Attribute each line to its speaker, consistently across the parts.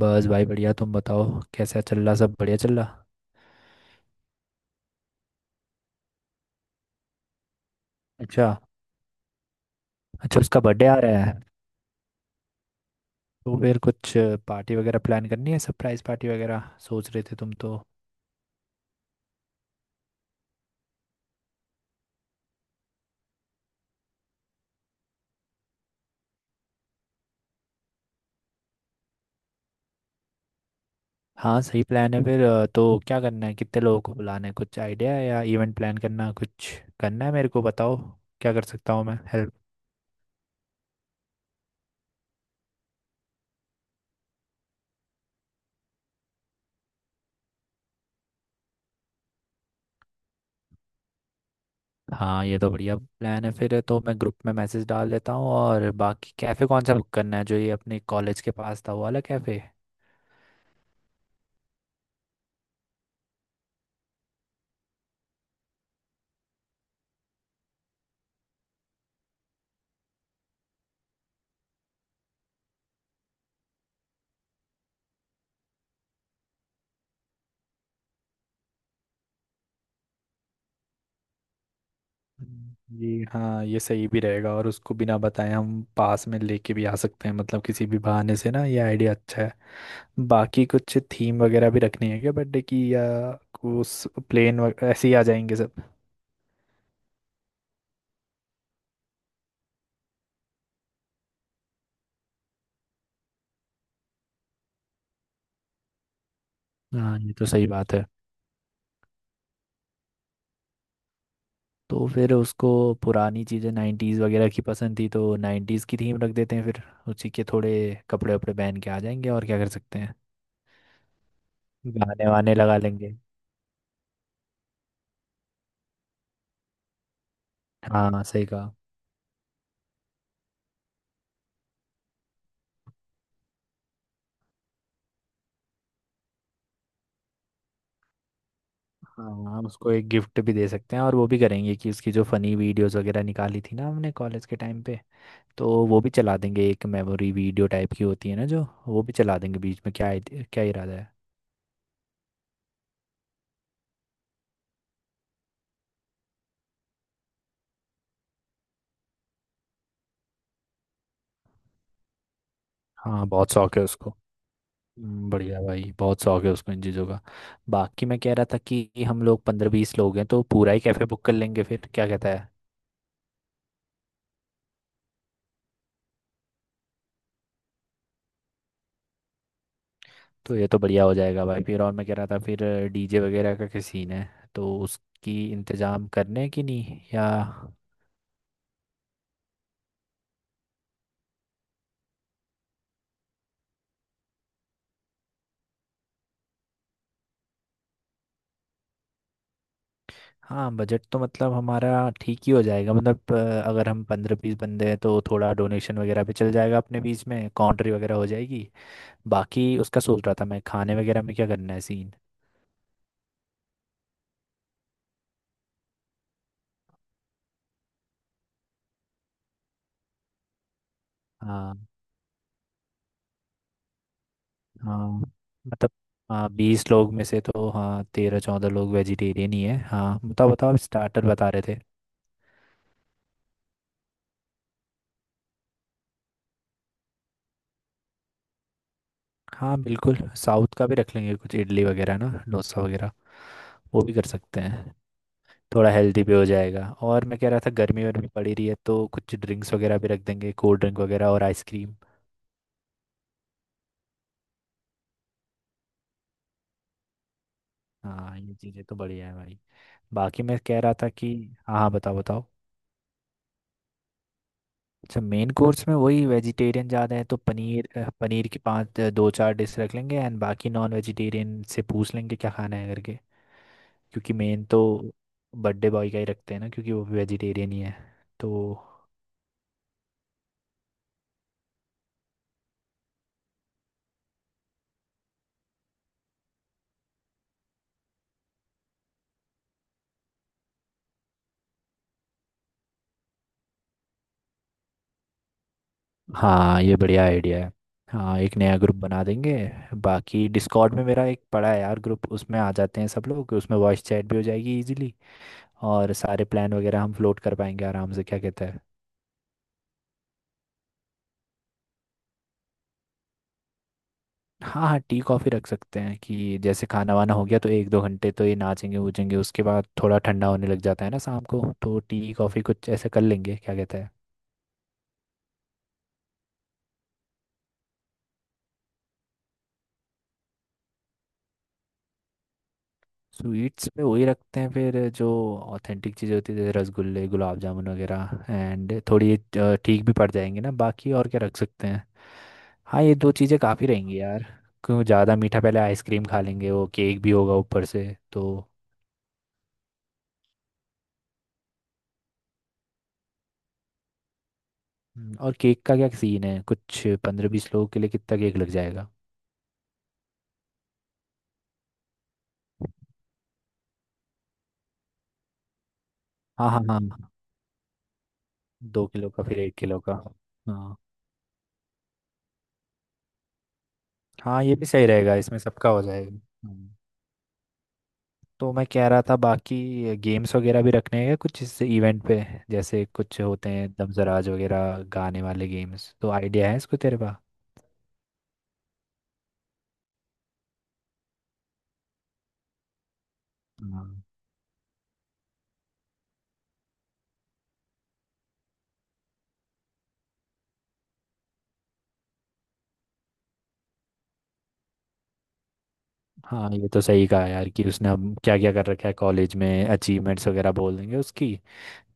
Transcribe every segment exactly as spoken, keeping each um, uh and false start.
Speaker 1: बस भाई बढ़िया। तुम बताओ कैसा चल रहा, सब बढ़िया चल रहा। अच्छा। अच्छा, उसका बर्थडे आ रहा है। तो फिर कुछ पार्टी वगैरह प्लान करनी है, सरप्राइज पार्टी वगैरह सोच रहे थे तुम तो? हाँ सही प्लान है फिर। अ, तो क्या करना है, कितने लोगों को बुलाना है, कुछ आइडिया है या इवेंट प्लान करना कुछ करना है, मेरे को बताओ क्या कर सकता हूँ मैं हेल्प। हाँ ये तो बढ़िया प्लान है फिर। तो मैं ग्रुप में मैसेज डाल देता हूँ और बाकी कैफ़े कौन सा बुक करना है, जो ये अपने कॉलेज के पास था वो वाला कैफ़े? जी हाँ, ये सही भी रहेगा और उसको बिना बताए हम पास में लेके भी आ सकते हैं, मतलब किसी भी बहाने से ना, ये आइडिया अच्छा है। बाकी कुछ थीम वगैरह भी रखनी है क्या बर्थडे की, या उस प्लेन ऐसे ही आ जाएंगे सब? हाँ ये तो सही बात है। तो फिर उसको पुरानी चीज़ें, नाइन्टीज़ वगैरह की पसंद थी, तो नाइन्टीज़ की थीम रख देते हैं फिर। उसी के थोड़े कपड़े वपड़े पहन के आ जाएंगे, और क्या कर सकते हैं, गाने वाने लगा लेंगे। हाँ सही कहा। हाँ। हम उसको एक गिफ्ट भी दे सकते हैं, और वो भी करेंगे कि उसकी जो फनी वीडियोस वगैरह निकाली थी ना हमने कॉलेज के टाइम पे, तो वो भी चला देंगे। एक मेमोरी वीडियो टाइप की होती है ना जो, वो भी चला देंगे बीच में, क्या आइड- क्या इरादा है? हाँ बहुत शौक है उसको। हम्म, बढ़िया भाई, बहुत शौक है उसको इन चीज़ों का। बाकी मैं कह रहा था कि हम लोग पंद्रह बीस लोग हैं, तो पूरा ही कैफ़े बुक कर लेंगे फिर, क्या कहता है? तो ये तो बढ़िया हो जाएगा भाई फिर। और मैं कह रहा था, फिर डीजे वगैरह का क्या सीन है, तो उसकी इंतज़ाम करने की नहीं या? हाँ बजट तो मतलब हमारा ठीक ही हो जाएगा। मतलब अ, अगर हम पंद्रह बीस बंदे हैं तो थोड़ा डोनेशन वगैरह भी चल जाएगा, अपने बीच में काउंट्री वगैरह हो जाएगी। बाकी उसका सोच रहा था मैं, खाने वगैरह में क्या करना है सीन? हाँ हाँ मतलब, हाँ बीस लोग में से तो हाँ तेरह चौदह लोग वेजिटेरियन ही है। हाँ बताओ बताओ, स्टार्टर बता रहे थे। हाँ बिल्कुल। साउथ का भी रख लेंगे कुछ, इडली वगैरह ना, डोसा वगैरह, वो भी कर सकते हैं। थोड़ा हेल्दी भी हो जाएगा। और मैं कह रहा था गर्मी वर्मी पड़ी रही है, तो कुछ ड्रिंक्स वगैरह भी रख देंगे, कोल्ड ड्रिंक वगैरह और आइसक्रीम। हाँ ये चीज़ें तो बढ़िया है भाई। बाकी मैं कह रहा था कि, हाँ हाँ बताओ बताओ। अच्छा, मेन कोर्स में वही वेजिटेरियन ज़्यादा है तो पनीर, अ, पनीर की पाँच अ, दो चार डिश रख लेंगे, एंड बाकी नॉन वेजिटेरियन से पूछ लेंगे क्या खाना है करके। क्योंकि मेन तो बर्थडे बॉय का ही रखते हैं ना, क्योंकि वो भी वेजिटेरियन ही है तो। हाँ ये बढ़िया आइडिया है। हाँ एक नया ग्रुप बना देंगे। बाकी डिस्कॉर्ड में मेरा एक पड़ा है यार ग्रुप, उसमें आ जाते हैं सब लोग, उसमें वॉइस चैट भी हो जाएगी इजीली। और सारे प्लान वगैरह हम फ्लोट कर पाएंगे आराम से, क्या कहता है? हाँ हाँ, टी कॉफ़ी रख सकते हैं। कि जैसे खाना वाना हो गया तो एक दो घंटे तो ये नाचेंगे वूचेंगे, उसके बाद थोड़ा ठंडा होने लग जाता है ना शाम को, तो टी कॉफ़ी कुछ ऐसे कर लेंगे, क्या कहता है? स्वीट्स में वही रखते हैं फिर जो ऑथेंटिक चीज़ें होती है, जैसे रसगुल्ले गुलाब जामुन वगैरह, एंड थोड़ी अ, ठीक भी पड़ जाएंगे ना, बाकी और क्या रख सकते हैं? हाँ ये दो चीज़ें काफ़ी रहेंगी यार, क्यों ज़्यादा मीठा, पहले आइसक्रीम खा लेंगे वो, केक भी होगा ऊपर से तो। हम्म, और केक का क्या सीन है, कुछ पंद्रह बीस लोगों के लिए कितना केक लग जाएगा? हाँ हाँ हाँ हाँ, दो किलो का, फिर एक किलो का। हाँ। हाँ ये भी सही रहेगा, इसमें सबका हो जाएगा। हम्म। तो मैं कह रहा था बाकी गेम्स वगैरह भी रखने हैं कुछ इस इवेंट पे, जैसे कुछ होते हैं दमजराज वगैरह गाने वाले गेम्स, तो आइडिया है इसको तेरे पास? हाँ। हाँ ये तो सही कहा यार, कि उसने अब क्या क्या कर रखा है कॉलेज में अचीवमेंट्स वगैरह, बोल देंगे उसकी।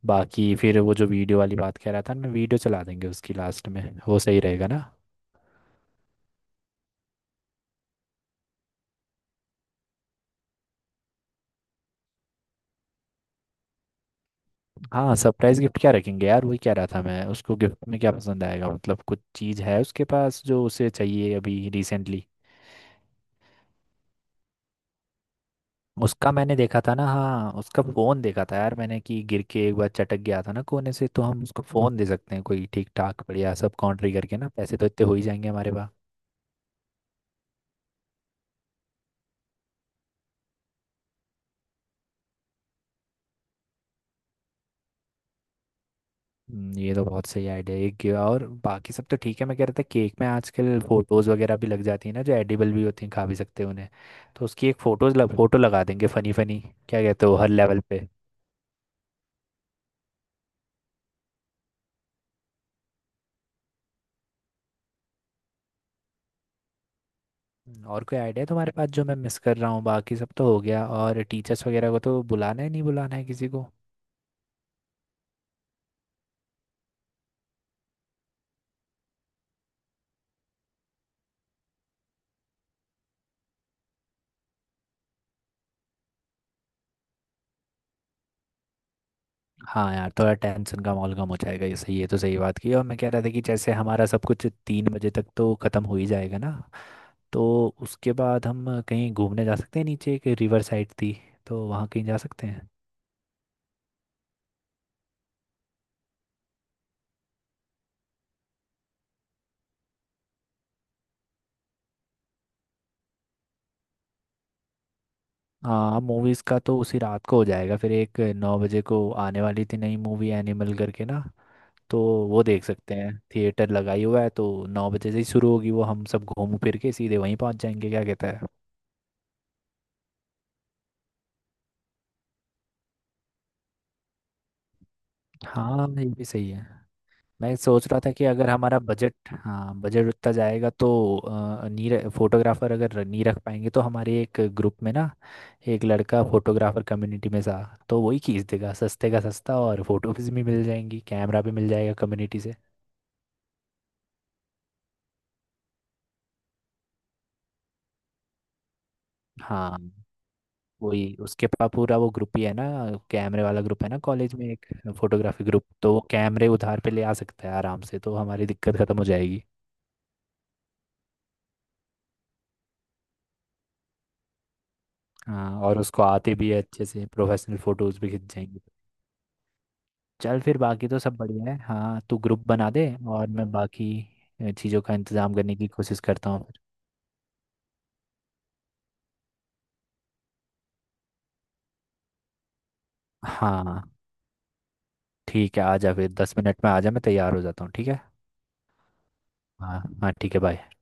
Speaker 1: बाकी फिर वो जो वीडियो वाली बात कह रहा था मैं, वीडियो चला देंगे उसकी लास्ट में, वो सही रहेगा ना? हाँ सरप्राइज गिफ्ट क्या रखेंगे यार, वही कह रहा था मैं उसको गिफ्ट में क्या पसंद आएगा, मतलब कुछ चीज़ है उसके पास जो उसे चाहिए अभी रिसेंटली? उसका मैंने देखा था ना, हाँ उसका फोन देखा था यार मैंने, कि गिर के एक बार चटक गया था ना कोने से, तो हम उसको फोन दे सकते हैं कोई ठीक ठाक बढ़िया, सब काउंट्री करके ना, पैसे तो इतने हो ही जाएंगे हमारे पास। हम्म, ये तो बहुत सही आइडिया है। एक ये, और बाकी सब तो ठीक है। मैं कह रहा था केक में आजकल फोटोज वगैरह भी लग जाती है ना, जो एडिबल भी होती हैं, खा भी सकते हैं उन्हें। तो उसकी एक फोटोज लग फोटो लगा देंगे फनी फनी, क्या कहते हो हर लेवल पे? हम्म, और कोई आइडिया तुम्हारे पास जो मैं मिस कर रहा हूँ, बाकी सब तो हो गया। और टीचर्स वगैरह को तो बुलाना है नहीं, बुलाना है किसी को? हाँ यार थोड़ा टेंशन कम और कम हो जाएगा, ये सही, ये तो सही बात की। और मैं कह रहा था कि जैसे हमारा सब कुछ तीन बजे तक तो ख़त्म हो ही जाएगा ना, तो उसके बाद हम कहीं घूमने जा सकते हैं, नीचे एक रिवर साइड थी, तो वहाँ कहीं जा सकते हैं। हाँ मूवीज़ का तो उसी रात को हो जाएगा फिर, एक नौ बजे को आने वाली थी नई मूवी, एनिमल करके ना, तो वो देख सकते हैं। थिएटर लगाई हुआ है तो नौ बजे से ही शुरू होगी वो, हम सब घूम फिर के सीधे वहीं पहुंच जाएंगे, क्या कहता है? हाँ ये भी सही है। मैं सोच रहा था कि अगर हमारा बजट, हाँ बजट उतना जाएगा तो अ, नीर फोटोग्राफर अगर नहीं रख पाएंगे, तो हमारे एक ग्रुप में ना, एक लड़का फोटोग्राफर कम्युनिटी में था, तो वही खींच देगा सस्ते का सस्ता, और फोटोज भी मिल जाएंगी, कैमरा भी मिल जाएगा कम्युनिटी से। हाँ, वही, उसके पास पूरा वो ग्रुप ही है ना, कैमरे वाला ग्रुप है ना कॉलेज में एक, फोटोग्राफी ग्रुप, तो वो कैमरे उधार पे ले आ सकता है आराम से, तो हमारी दिक्कत खत्म हो जाएगी। हाँ, और उसको आते भी है अच्छे से, प्रोफेशनल फोटोज भी खिंच जाएंगे। चल फिर बाकी तो सब बढ़िया है। हाँ तू ग्रुप बना दे, और मैं बाकी चीज़ों का इंतजाम करने की कोशिश करता हूँ फिर। हाँ ठीक है, आ जा फिर दस मिनट में, आ जा मैं तैयार हो जाता हूँ, ठीक है। हाँ हाँ ठीक है, बाय।